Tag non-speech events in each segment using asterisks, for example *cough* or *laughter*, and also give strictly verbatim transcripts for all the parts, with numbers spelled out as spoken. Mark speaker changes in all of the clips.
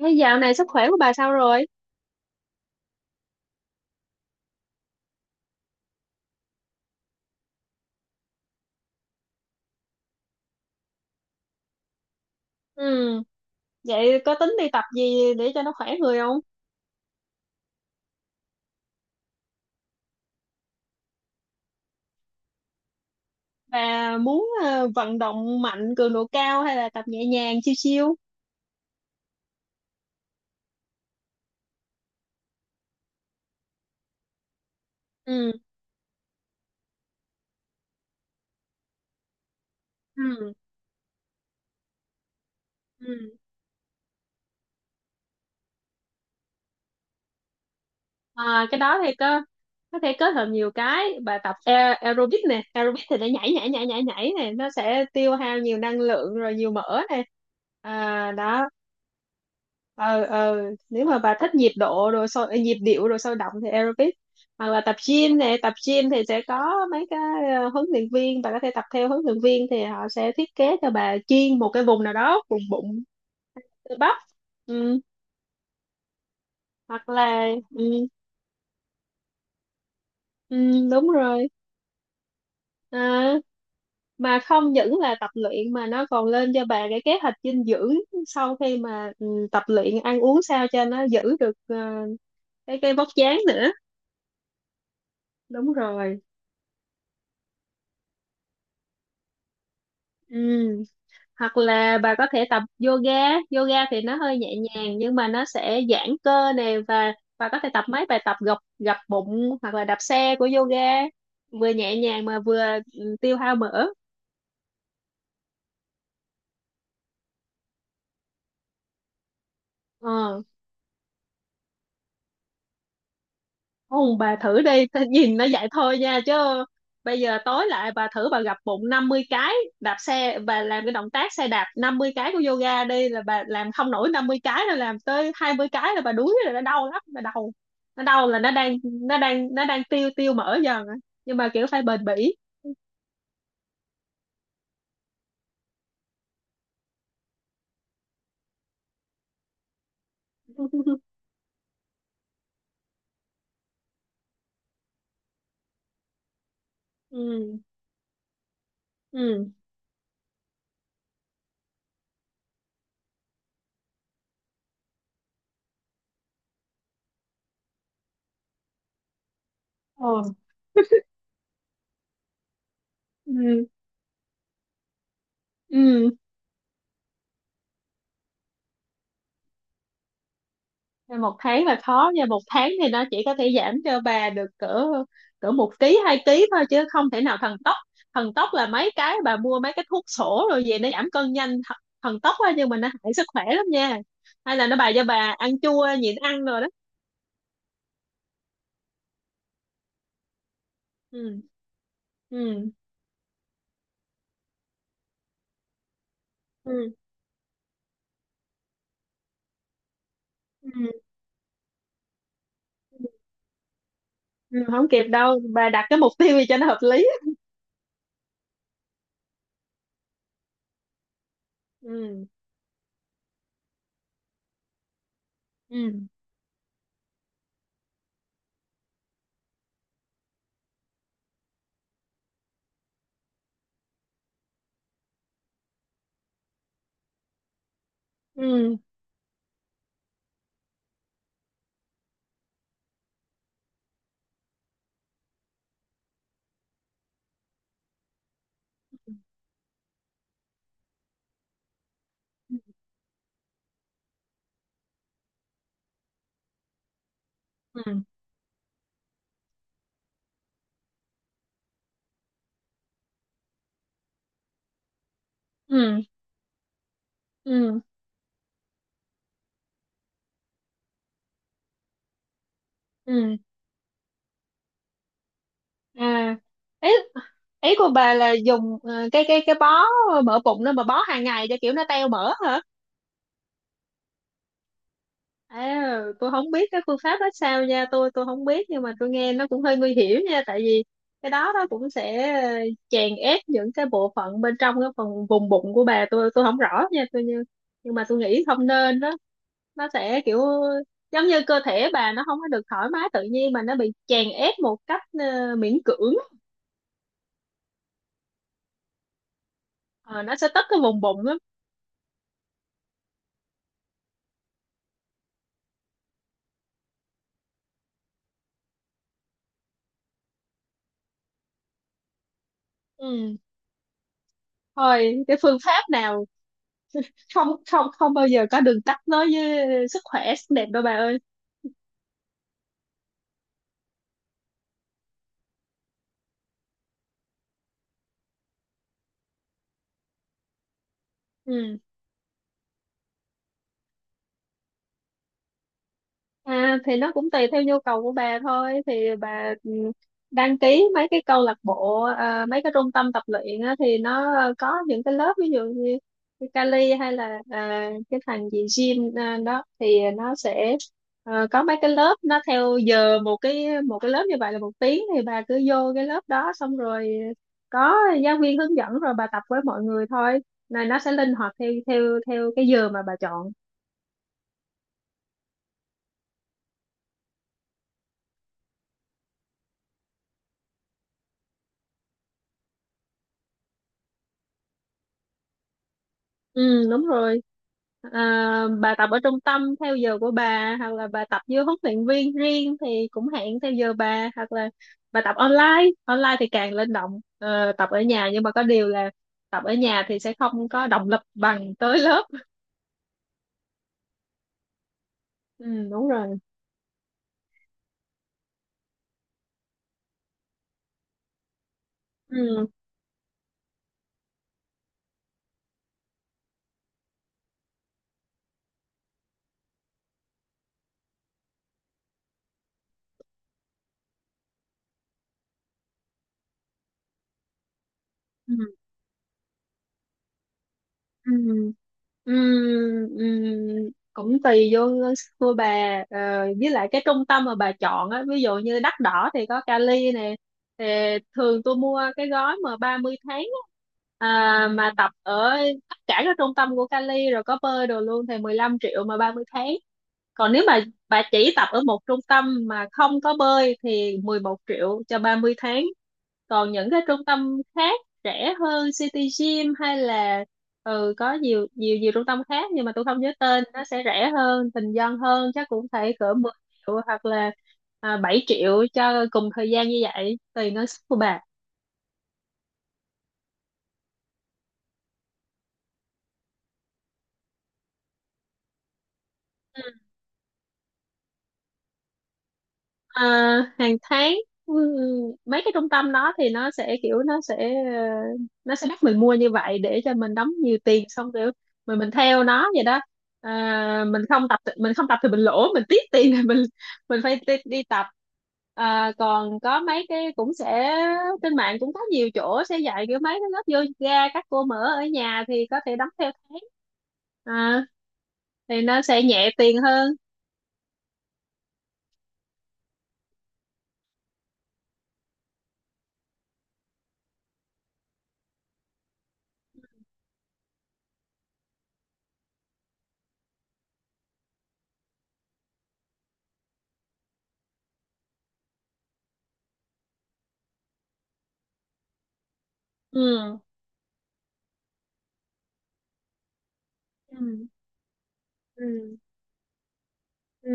Speaker 1: Thế dạo này sức khỏe của bà sao rồi? Ừ, vậy có tính đi tập gì để cho nó khỏe người không? Bà muốn ờ, vận động mạnh, cường độ cao hay là tập nhẹ nhàng, chiêu chiêu? Ừ, ừ, ừ. À, cái đó thì có có thể kết hợp nhiều cái. Bà tập a- aerobic nè, aerobic thì để nhảy nhảy nhảy nhảy nhảy nè, nó sẽ tiêu hao nhiều năng lượng rồi nhiều mỡ nè. À, đó. ờ ờ Nếu mà bà thích nhịp độ rồi sôi ờ, nhịp điệu rồi sôi động thì aerobic, hoặc là tập gym nè, tập gym thì sẽ có mấy cái ờ, huấn luyện viên. Bà có thể tập theo huấn luyện viên thì họ sẽ thiết kế cho bà chuyên một cái vùng nào đó, vùng bụng, cơ bắp. Ừ, hoặc là. Ừ, ừ, đúng rồi. À, mà không những là tập luyện mà nó còn lên cho bà cái kế hoạch dinh dưỡng sau khi mà ừ, tập luyện, ăn uống sao cho nó giữ được ờ, cái cái vóc dáng nữa. Đúng rồi. Ừ, hoặc là bà có thể tập yoga. Yoga thì nó hơi nhẹ nhàng nhưng mà nó sẽ giãn cơ nè, và bà có thể tập mấy bài tập gập, gập bụng hoặc là đạp xe của yoga, vừa nhẹ nhàng mà vừa ừ, tiêu hao mỡ. ờ Không, bà thử đi, ta nhìn nó vậy thôi nha chứ bây giờ tối lại bà thử bà gập bụng năm mươi cái, đạp xe bà làm cái động tác xe đạp năm mươi cái của yoga đi, là bà làm không nổi năm mươi cái, là làm tới hai mươi cái là bà đuối rồi, nó đau lắm, nó đau. Nó đau là nó đang, nó đang nó đang tiêu, tiêu mỡ dần á. Nhưng mà kiểu phải bền bỉ. *laughs* Ừ, ừ, ừ, ừ, ừ. Nên một tháng là khó nha, một tháng thì nó chỉ có thể giảm cho bà được cỡ cỡ một ký, hai ký thôi, chứ không thể nào thần tốc. Thần tốc là mấy cái bà mua mấy cái thuốc sổ rồi về nó giảm cân nhanh, th- thần tốc á, nhưng mà nó hại sức khỏe lắm nha. Hay là nó bà cho bà ăn chua, nhịn ăn rồi đó. Ừ, ừ, ừ, ừ, ừ. Không kịp đâu bà, đặt cái mục tiêu gì cho nó hợp lý. Ừ, ừ, ừ, ừ, ừ, ừ, ừ, ừ. À, ý ý của bà là dùng ờ, cái cái cái bó mỡ bụng đó, mà bó hàng ngày cho kiểu nó teo mỡ hả? À, tôi không biết cái phương pháp đó sao nha, tôi tôi không biết, nhưng mà tôi nghe nó cũng hơi nguy hiểm nha, tại vì cái đó nó cũng sẽ ờ, chèn ép những cái bộ phận bên trong cái phần vùng bụng của bà, tôi tôi không rõ nha, tôi như, nhưng mà tôi nghĩ không nên đó. Nó sẽ kiểu giống như cơ thể bà nó không có được thoải mái tự nhiên mà nó bị chèn ép một cách ờ, miễn cưỡng. Ờ, nó sẽ tất cái vùng bụng lắm. Thôi cái phương pháp nào, không, không, không bao giờ có đường tắt nói với sức khỏe, sắc đẹp đâu bà ơi. Ừ. À, thì nó cũng tùy theo nhu cầu của bà thôi, thì bà ừ, đăng ký mấy cái câu lạc bộ, à, mấy cái trung tâm tập luyện á, thì nó có những cái lớp ví dụ như cái Cali hay là à, cái thằng gì gym à, đó thì nó sẽ ờ, có mấy cái lớp nó theo giờ, một cái một cái lớp như vậy là một tiếng, thì bà cứ vô cái lớp đó xong rồi có giáo viên hướng dẫn rồi bà tập với mọi người thôi. Này nó sẽ linh hoạt theo theo theo cái giờ mà bà chọn. Ừ, đúng rồi. À, bà tập ở trung tâm theo giờ của bà, hoặc là bà tập với huấn luyện viên riêng thì cũng hẹn theo giờ bà, hoặc là bà tập online. Online thì càng linh động. Ờ, tập ở nhà, nhưng mà có điều là tập ở nhà thì sẽ không có động lực bằng tới lớp. Ừ, đúng rồi. Ừ. Ừ. Ừm, ừm, ừm, cũng tùy vô cô bà, ờ, với lại cái trung tâm mà bà chọn á, ví dụ như đắt đỏ thì có Cali nè, thì thường tôi mua cái gói mà ba mươi tháng á, à, mà tập ở tất cả các trung tâm của Cali rồi có bơi đồ luôn thì mười lăm triệu mà ba mươi tháng. Còn nếu mà bà chỉ tập ở một trung tâm mà không có bơi thì mười một triệu cho ba mươi tháng. Còn những cái trung tâm khác rẻ hơn, City Gym hay là, ừ, có nhiều nhiều nhiều trung tâm khác nhưng mà tôi không nhớ tên, nó sẽ rẻ hơn, bình dân hơn, chắc cũng phải cỡ mười triệu, hoặc là à, bảy triệu cho cùng thời gian như vậy, tùy ngân sách của bà. Ờ, hàng tháng. Ừ, mấy cái trung tâm đó thì nó sẽ kiểu, nó sẽ ờ, nó sẽ bắt mình mua như vậy để cho mình đóng nhiều tiền xong kiểu mình mình theo nó vậy đó. Ờ, mình không tập thì, mình không tập thì mình lỗ, mình tiếc tiền thì mình mình phải đi, đi tập. Ờ, còn có mấy cái cũng sẽ trên mạng cũng có nhiều chỗ sẽ dạy kiểu mấy cái lớp yoga các cô mở ở nhà thì có thể đóng theo tháng. Ờ, thì nó sẽ nhẹ tiền hơn. Ừ. Ừ. Ừ, ừ,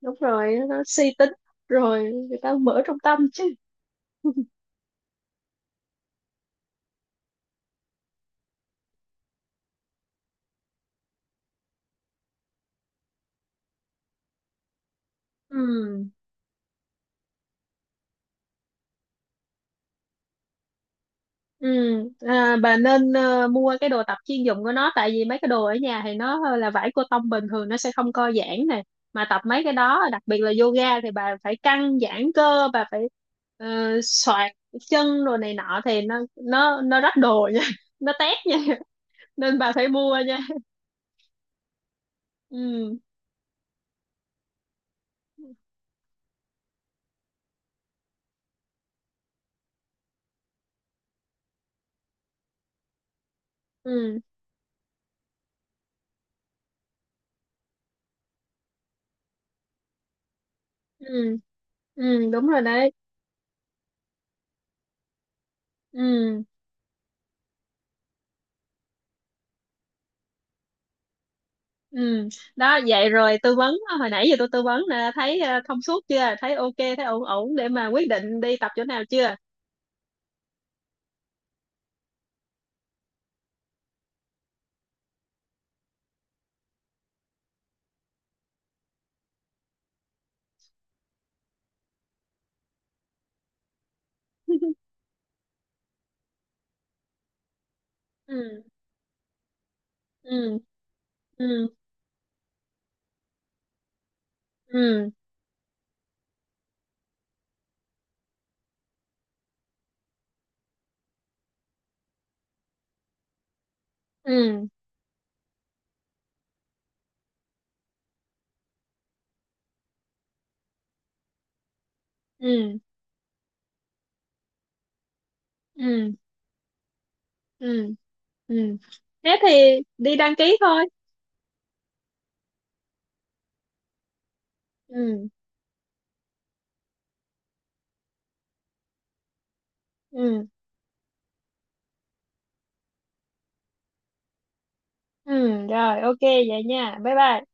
Speaker 1: đúng rồi, nó suy tính rồi người ta mở trong tâm chứ. Ừ, ừ. À, bà nên ờ, mua cái đồ tập chuyên dụng của nó, tại vì mấy cái đồ ở nhà thì nó là vải cotton bình thường, nó sẽ không co giãn này, mà tập mấy cái đó đặc biệt là yoga thì bà phải căng giãn cơ, bà phải ờ, soạt chân rồi này nọ thì nó nó nó rách đồ nha. *laughs* Nó tét nha, nên bà phải mua nha. Ừ, ừ, ừ, ừ, đúng rồi đấy. Ừ. Ừ, đó vậy rồi tư vấn, à, hồi nãy giờ tôi tư vấn là thấy ờ, thông suốt chưa, thấy ok, thấy ổn ổn để mà quyết định đi tập chỗ nào chưa? *laughs* Ừ, ừ, ừ, ừ, ừ, ừ, ừ, ừ, ừ, thế thì đi đăng ký thôi. Ừ, ừ, ừ rồi, ok vậy nha, bye bye.